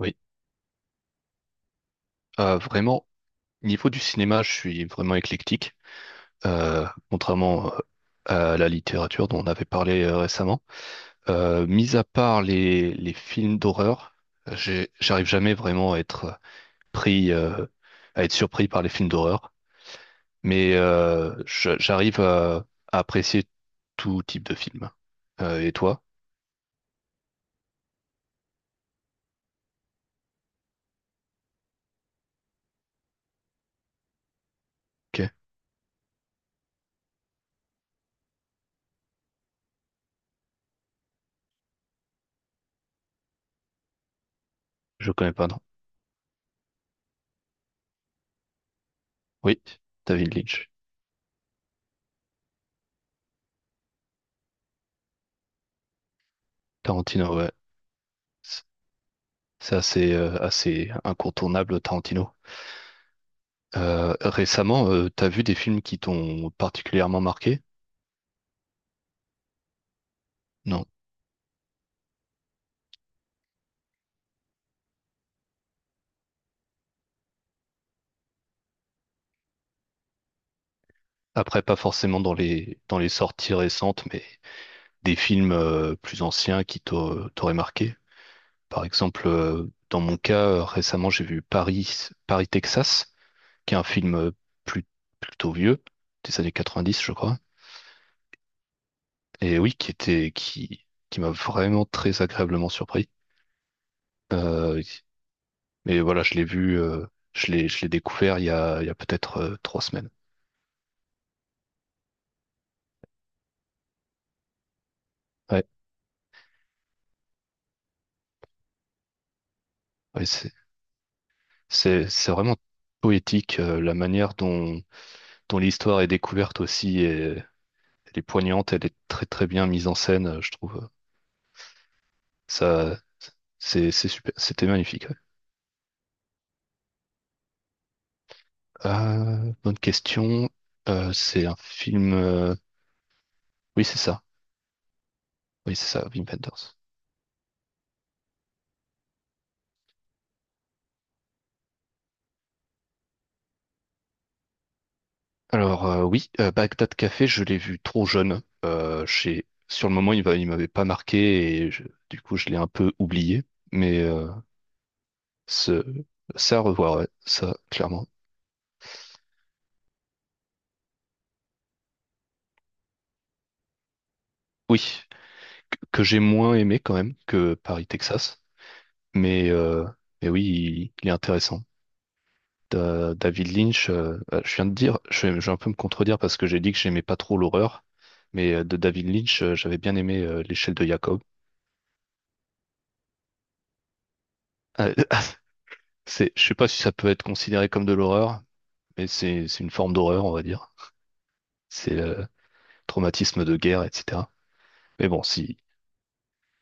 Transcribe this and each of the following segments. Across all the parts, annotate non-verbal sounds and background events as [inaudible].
Oui. Vraiment, niveau du cinéma, je suis vraiment éclectique, contrairement à la littérature dont on avait parlé récemment. Mis à part les films d'horreur, j'arrive jamais vraiment à être pris, euh, à être surpris par les films d'horreur, mais j'arrive à apprécier tout type de film. Et toi? Ok, je connais pas, non. Oui, David Lynch, Tarantino, ouais. C'est c'est assez, assez incontournable, Tarantino. Récemment, t'as vu des films qui t'ont particulièrement marqué? Non. Après, pas forcément dans les sorties récentes, mais des films plus anciens qui t'auraient marqué. Par exemple, dans mon cas, récemment, j'ai vu Paris, Texas, qui est un film plus- plutôt vieux, des années 90, je crois. Et oui, qui qui m'a vraiment très agréablement surpris. Euh, mais voilà, je l'ai vu, je l'ai découvert il y a peut-être trois semaines. Ouais. Ouais, c'est- c'est vraiment poétique, la manière dont l'histoire est découverte aussi, et elle est poignante, elle est très très bien mise en scène, je trouve. Ça, c'est super, c'était magnifique, ouais. Bonne question. C'est un film. Oui, c'est ça. Oui, c'est ça, Wim Wenders. Alors oui, Bagdad Café, je l'ai vu trop jeune. Sur le moment, il m'avait pas marqué du coup, je l'ai un peu oublié. Mais ce... c'est à revoir, ouais, ça, clairement. Oui. Que j'ai moins aimé quand même que Paris-Texas. Mais, euh, mais oui, il est intéressant. David Lynch, je viens de dire, je vais un peu me contredire parce que j'ai dit que j'aimais pas trop l'horreur, mais de David Lynch, j'avais bien aimé L'échelle de Jacob. Euh, [laughs] c'est, je sais pas si ça peut être considéré comme de l'horreur, mais c'est une forme d'horreur, on va dire. C'est traumatisme de guerre, etc. Mais bon,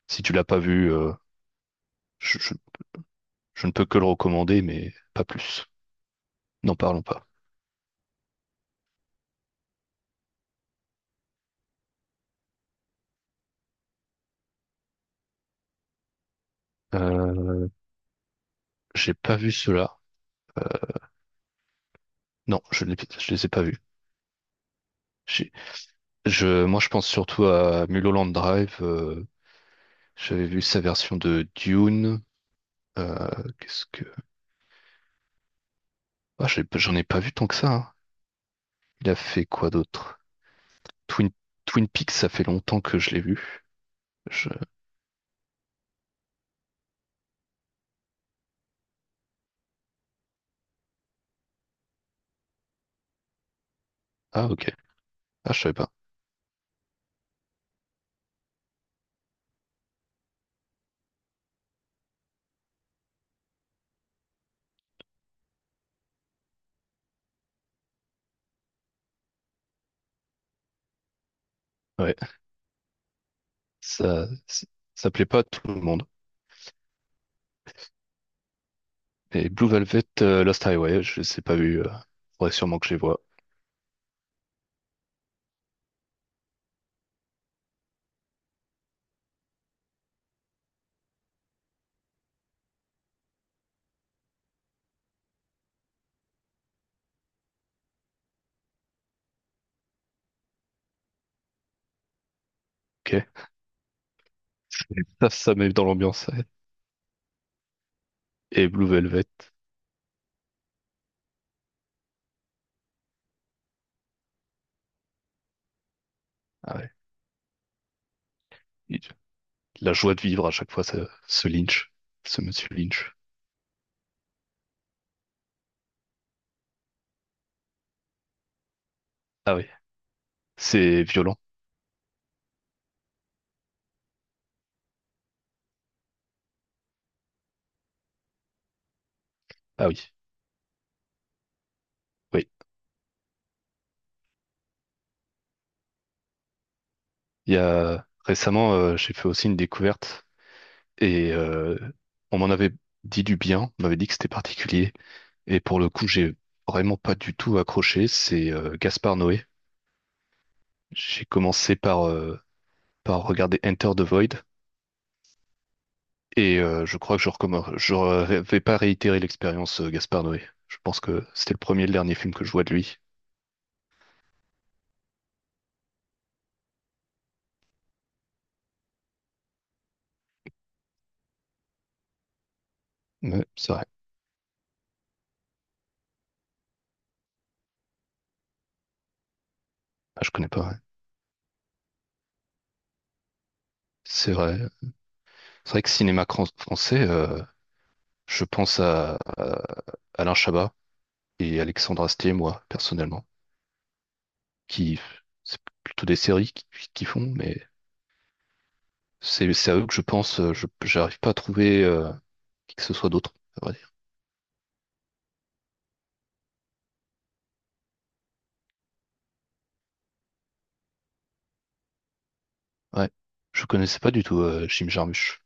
si tu l'as pas vu, je, je je ne peux que le recommander, mais pas plus. N'en parlons pas. Euh, j'ai pas vu cela. Euh, Non, je ne les ai pas vus. J'ai- moi, je pense surtout à Mulholland Drive. J'avais vu sa version de Dune. euh, qu'est-ce que... Ah, j'en ai pas vu tant que ça, hein. Il a fait quoi d'autre? Twin, Twin Peaks, ça fait longtemps que je l'ai vu. Je- Ah, ok. Ah, je savais pas. Ouais. Ça, ça, ça plaît pas à tout le monde. Et Blue Velvet, Lost Highway, je les ai pas vus. Faudrait sûrement que je les vois. Ok. [laughs] Ça met dans l'ambiance, ouais. Et Blue Velvet, ah ouais. il- La joie de vivre à chaque fois, ce Lynch, ce monsieur Lynch. Ah oui, c'est violent. Ah oui, oui. Il y a récemment, j'ai fait aussi une découverte et on m'en avait dit du bien, on m'avait dit que c'était particulier. Et pour le coup, j'ai vraiment pas du tout accroché. C'est Gaspard Noé. J'ai commencé par par regarder Enter the Void. Et je crois que je recommence. Vais pas réitérer l'expérience Gaspard Noé. Je pense que c'était le premier et le dernier film que je vois de lui. Mais c'est vrai. Ah, je connais pas, ouais. C'est vrai. C'est vrai que français, je pense à Alain Chabat et Alexandre Astier, moi, personnellement, qui c'est plutôt des séries qui font, mais c'est à eux que je pense. Je j'arrive pas à trouver qui que ce soit d'autre, à vrai dire. Ouais. Je connaissais pas du tout Jim Jarmusch.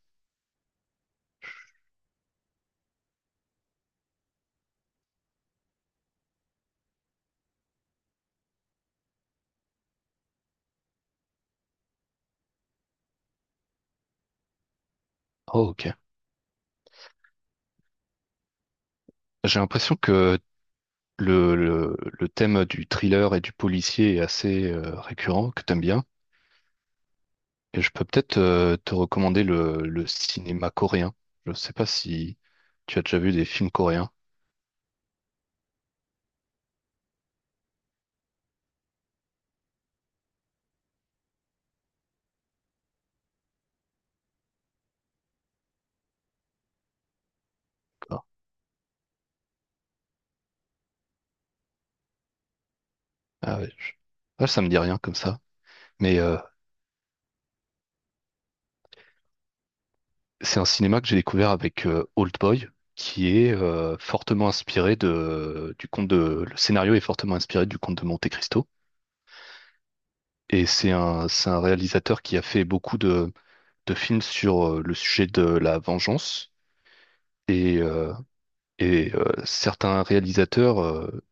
Oh, ok. J'ai l'impression que le thème du thriller et du policier est assez récurrent, que t'aimes bien. Et je peux peut-être te recommander le cinéma coréen. Je sais pas si tu as déjà vu des films coréens. Ah, ah ouais, je- ah, ça me dit rien comme ça. Mais c'est un cinéma que j'ai découvert avec Old Boy, qui est fortement inspiré du conte le scénario est fortement inspiré du conte de Monte Cristo. Et c'est c'est un réalisateur qui a fait beaucoup de films sur le sujet de la vengeance. Et, euh, certains réalisateurs,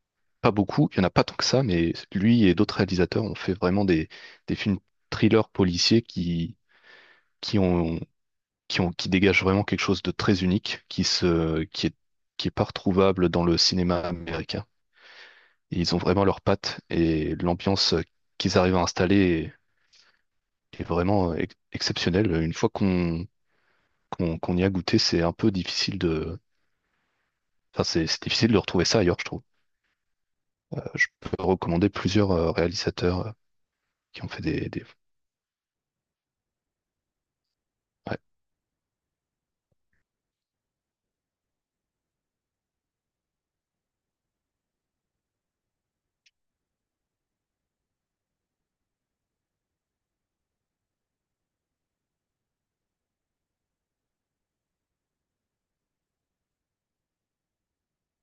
pas beaucoup, il y en a pas tant que ça, mais lui et d'autres réalisateurs ont fait vraiment des films thrillers policiers qui ont qui dégagent vraiment quelque chose de très unique, qui est pas retrouvable dans le cinéma américain. Et ils ont vraiment leurs pattes et l'ambiance qu'ils arrivent à installer est, est vraiment exceptionnelle. Une fois qu'on y a goûté, c'est un peu difficile enfin c'est difficile de retrouver ça ailleurs, je trouve. Je peux recommander plusieurs réalisateurs qui ont fait des... ouais,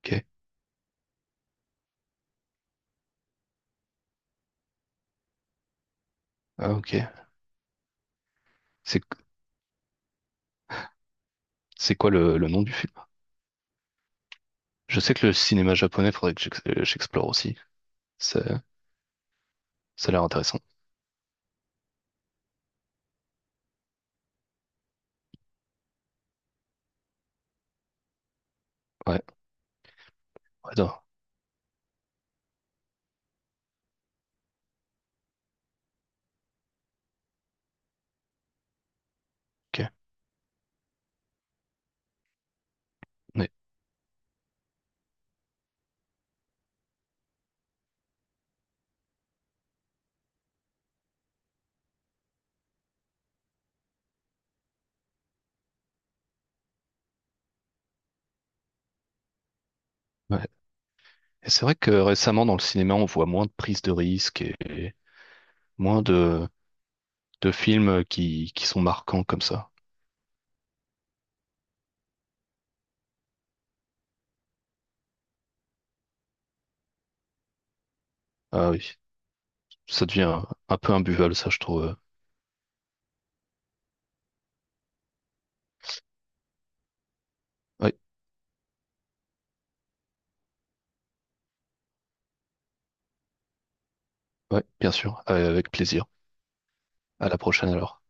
ok, ah, ok. C'est c'est quoi le nom du film? Je sais que le cinéma japonais, faudrait que j'explore aussi. Ça, ça a l'air intéressant. Ouais, ouais, d'accord. Ok. Mais, ouais. Et c'est vrai que récemment, dans le cinéma, on voit moins de prises de risques et moins de films qui sont marquants comme ça. Ah oui, ça devient un peu imbuvable, ça, je trouve. Oui, ouais, ouais, bien sûr. Avec plaisir. À la prochaine alors.